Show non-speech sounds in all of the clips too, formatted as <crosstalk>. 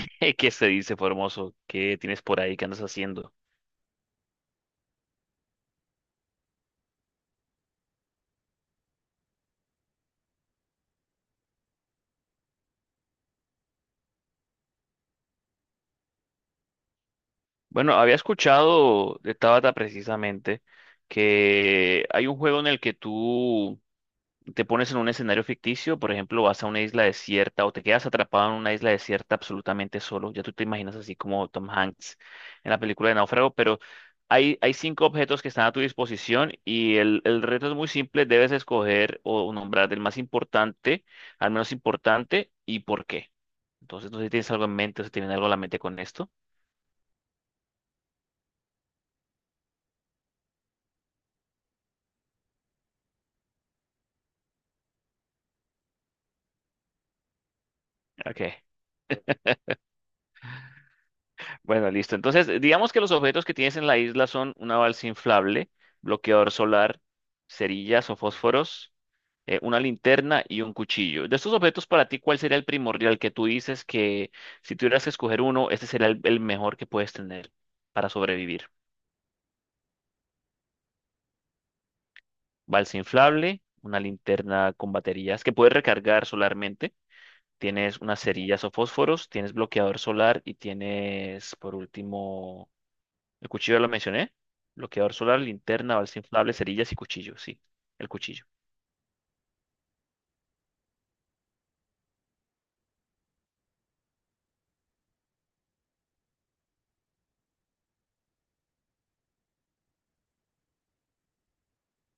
<laughs> ¿Qué se dice, Formoso? ¿Qué tienes por ahí? ¿Qué andas haciendo? Bueno, había escuchado de Tabata precisamente que hay un juego en el que tú te pones en un escenario ficticio, por ejemplo, vas a una isla desierta o te quedas atrapado en una isla desierta absolutamente solo. Ya tú te imaginas así como Tom Hanks en la película de Náufrago, pero hay cinco objetos que están a tu disposición y el reto es muy simple. Debes escoger o nombrar el más importante, al menos importante, y por qué. Entonces, no sé si tienes algo en mente o si tienes algo a la mente con esto. Ok. Bueno, listo. Entonces, digamos que los objetos que tienes en la isla son una balsa inflable, bloqueador solar, cerillas o fósforos, una linterna y un cuchillo. De estos objetos, para ti, ¿cuál sería el primordial que tú dices que si tuvieras que escoger uno, este sería el mejor que puedes tener para sobrevivir? Balsa inflable, una linterna con baterías que puedes recargar solarmente, tienes unas cerillas o fósforos, tienes bloqueador solar y tienes, por último. El cuchillo ya lo mencioné. Bloqueador solar, linterna, balsa inflable, cerillas y cuchillo. Sí, el cuchillo.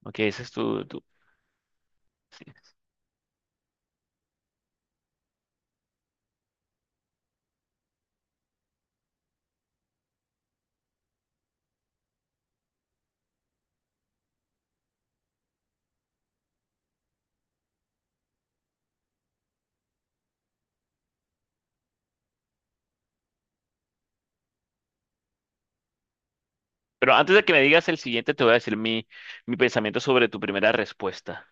Ok, ese es tu- Pero antes de que me digas el siguiente, te voy a decir mi pensamiento sobre tu primera respuesta.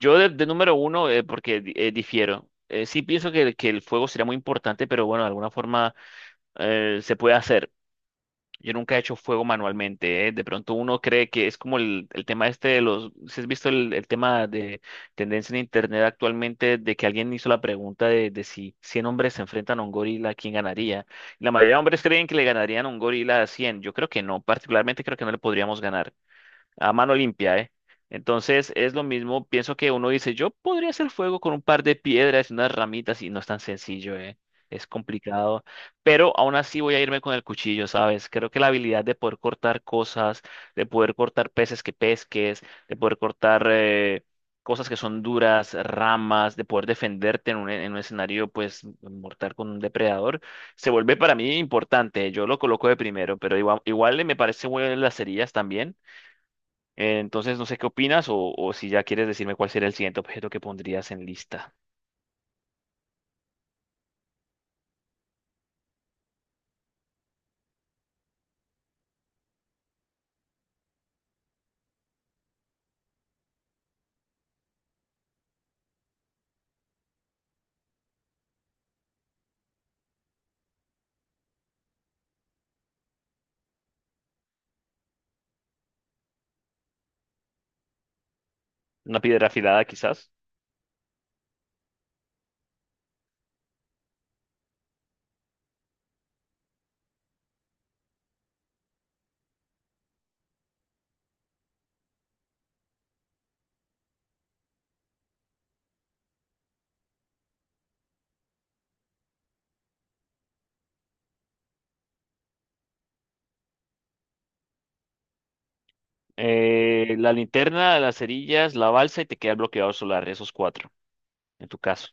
Yo de número uno, porque difiero. Sí pienso que el fuego sería muy importante, pero bueno, de alguna forma se puede hacer. Yo nunca he hecho fuego manualmente, ¿eh? De pronto uno cree que es como el tema este de los. Si has visto el tema de tendencia en internet actualmente de que alguien hizo la pregunta de si 100 hombres se enfrentan a un gorila, ¿quién ganaría? La mayoría de hombres creen que le ganarían a un gorila a 100. Yo creo que no, particularmente creo que no le podríamos ganar a mano limpia, ¿eh? Entonces es lo mismo, pienso que uno dice, yo podría hacer fuego con un par de piedras y unas ramitas y no es tan sencillo, ¿eh? Es complicado, pero aún así voy a irme con el cuchillo, ¿sabes? Creo que la habilidad de poder cortar cosas, de poder cortar peces que pesques, de poder cortar cosas que son duras, ramas, de poder defenderte en un escenario, pues, mortal con un depredador, se vuelve para mí importante. Yo lo coloco de primero, pero igual me parece bueno las cerillas también. Entonces, no sé qué opinas o si ya quieres decirme cuál sería el siguiente objeto que pondrías en lista. Una piedra afilada, quizás. La linterna, las cerillas, la balsa y te queda el bloqueador solar. Esos cuatro, en tu caso.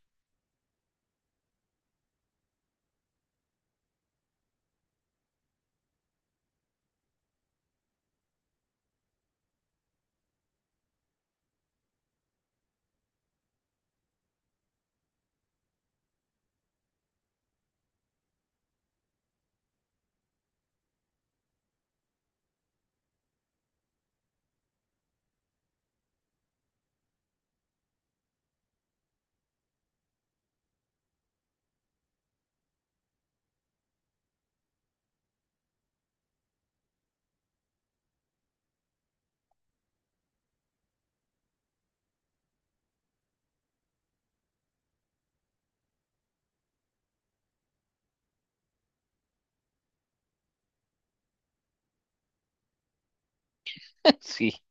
<laughs> Sí.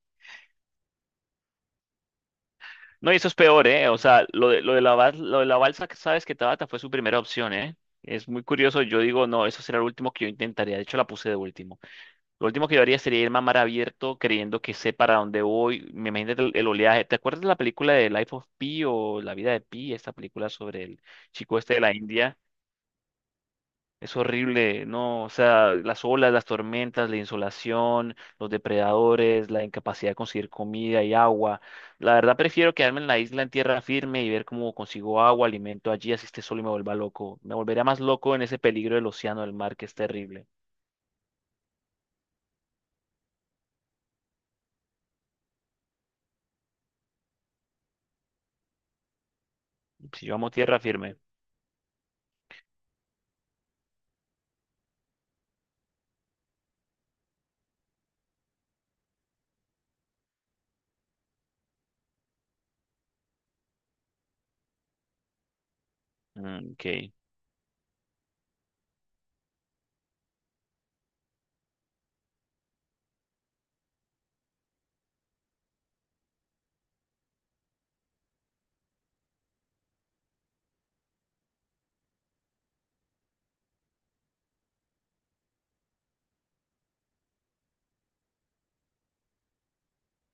No, y eso es peor, ¿eh? O sea, lo de la balsa, que sabes que Tabata fue su primera opción, ¿eh? Es muy curioso. Yo digo, no, eso será el último que yo intentaría. De hecho, la puse de último. Lo último que yo haría sería ir a mar abierto creyendo que sé para dónde voy. Me imagino el oleaje. ¿Te acuerdas de la película de Life of Pi o La vida de Pi? Esta película sobre el chico este de la India. Es horrible, ¿no? O sea, las olas, las tormentas, la insolación, los depredadores, la incapacidad de conseguir comida y agua. La verdad prefiero quedarme en la isla en tierra firme y ver cómo consigo agua, alimento allí, así esté solo y me vuelva loco. Me volvería más loco en ese peligro del océano, del mar, que es terrible. Si yo amo tierra firme. Mm, ok.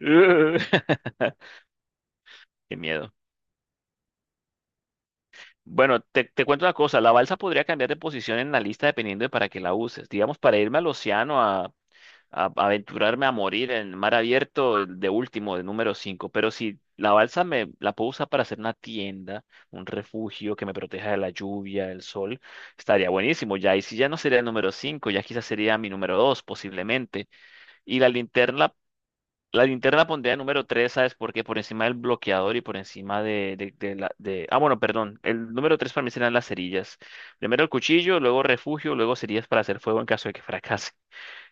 Ugh. <laughs> Qué miedo. Bueno, te cuento una cosa, la balsa podría cambiar de posición en la lista dependiendo de para qué la uses. Digamos, para irme al océano a aventurarme a morir en mar abierto de último, de número 5. Pero si la balsa me la puedo usar para hacer una tienda, un refugio que me proteja de la lluvia, del sol, estaría buenísimo ya. Y si ya no sería el número 5, ya quizás sería mi número 2 posiblemente. Y la linterna La linterna pondría número 3, ¿sabes por qué? Por encima del bloqueador y por encima de la... De... Ah, bueno, perdón. El número 3 para mí serán las cerillas. Primero el cuchillo, luego refugio, luego cerillas para hacer fuego en caso de que fracase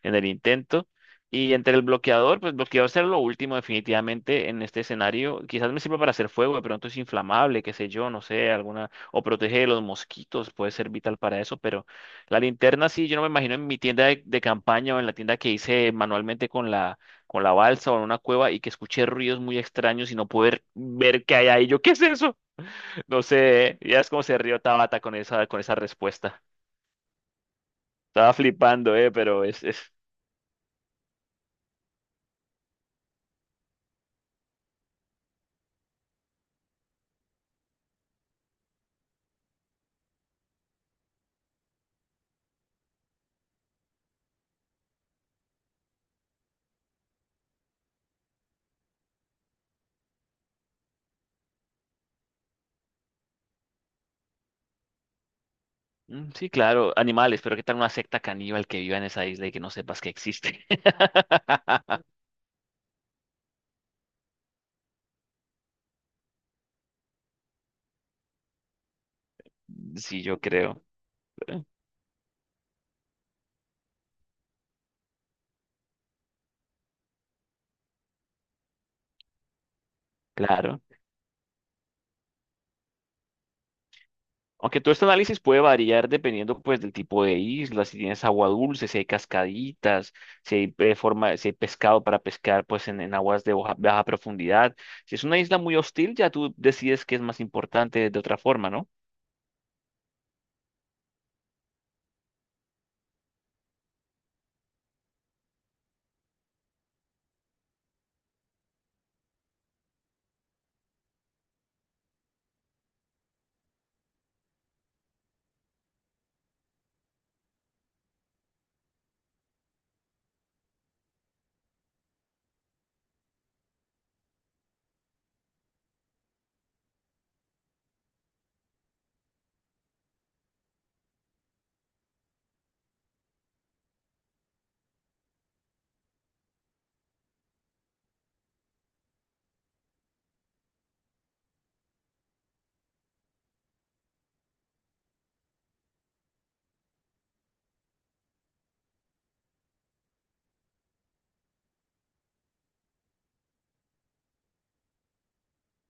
en el intento. Y entre el bloqueador, pues bloqueador será lo último definitivamente en este escenario. Quizás me sirva para hacer fuego, de pronto es inflamable, qué sé yo, no sé, alguna, o protege de los mosquitos, puede ser vital para eso, pero la linterna sí, yo no me imagino en mi tienda de campaña o en la tienda que hice manualmente con la balsa o en una cueva y que escuché ruidos muy extraños y no poder ver qué hay ahí. Yo, ¿qué es eso? <laughs> No sé, ya es como se rió Tabata con esa respuesta. Estaba flipando, pero es. Mm, sí, claro, animales, pero ¿qué tal una secta caníbal que viva en esa isla y que no sepas que existe? <laughs> Sí, yo creo. eh, Claro. Aunque todo este análisis puede variar dependiendo pues del tipo de isla, si tienes agua dulce, si hay cascaditas, si hay, forma, si hay pescado para pescar pues en aguas de baja, baja profundidad. Si es una isla muy hostil, ya tú decides qué es más importante de otra forma, ¿no?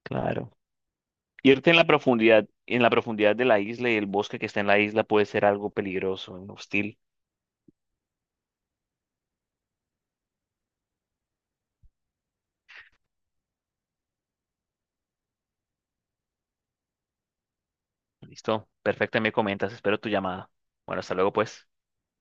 Claro. Irte en la profundidad de la isla y el bosque que está en la isla puede ser algo peligroso, hostil. Listo, perfecto, me comentas, espero tu llamada. Bueno, hasta luego pues.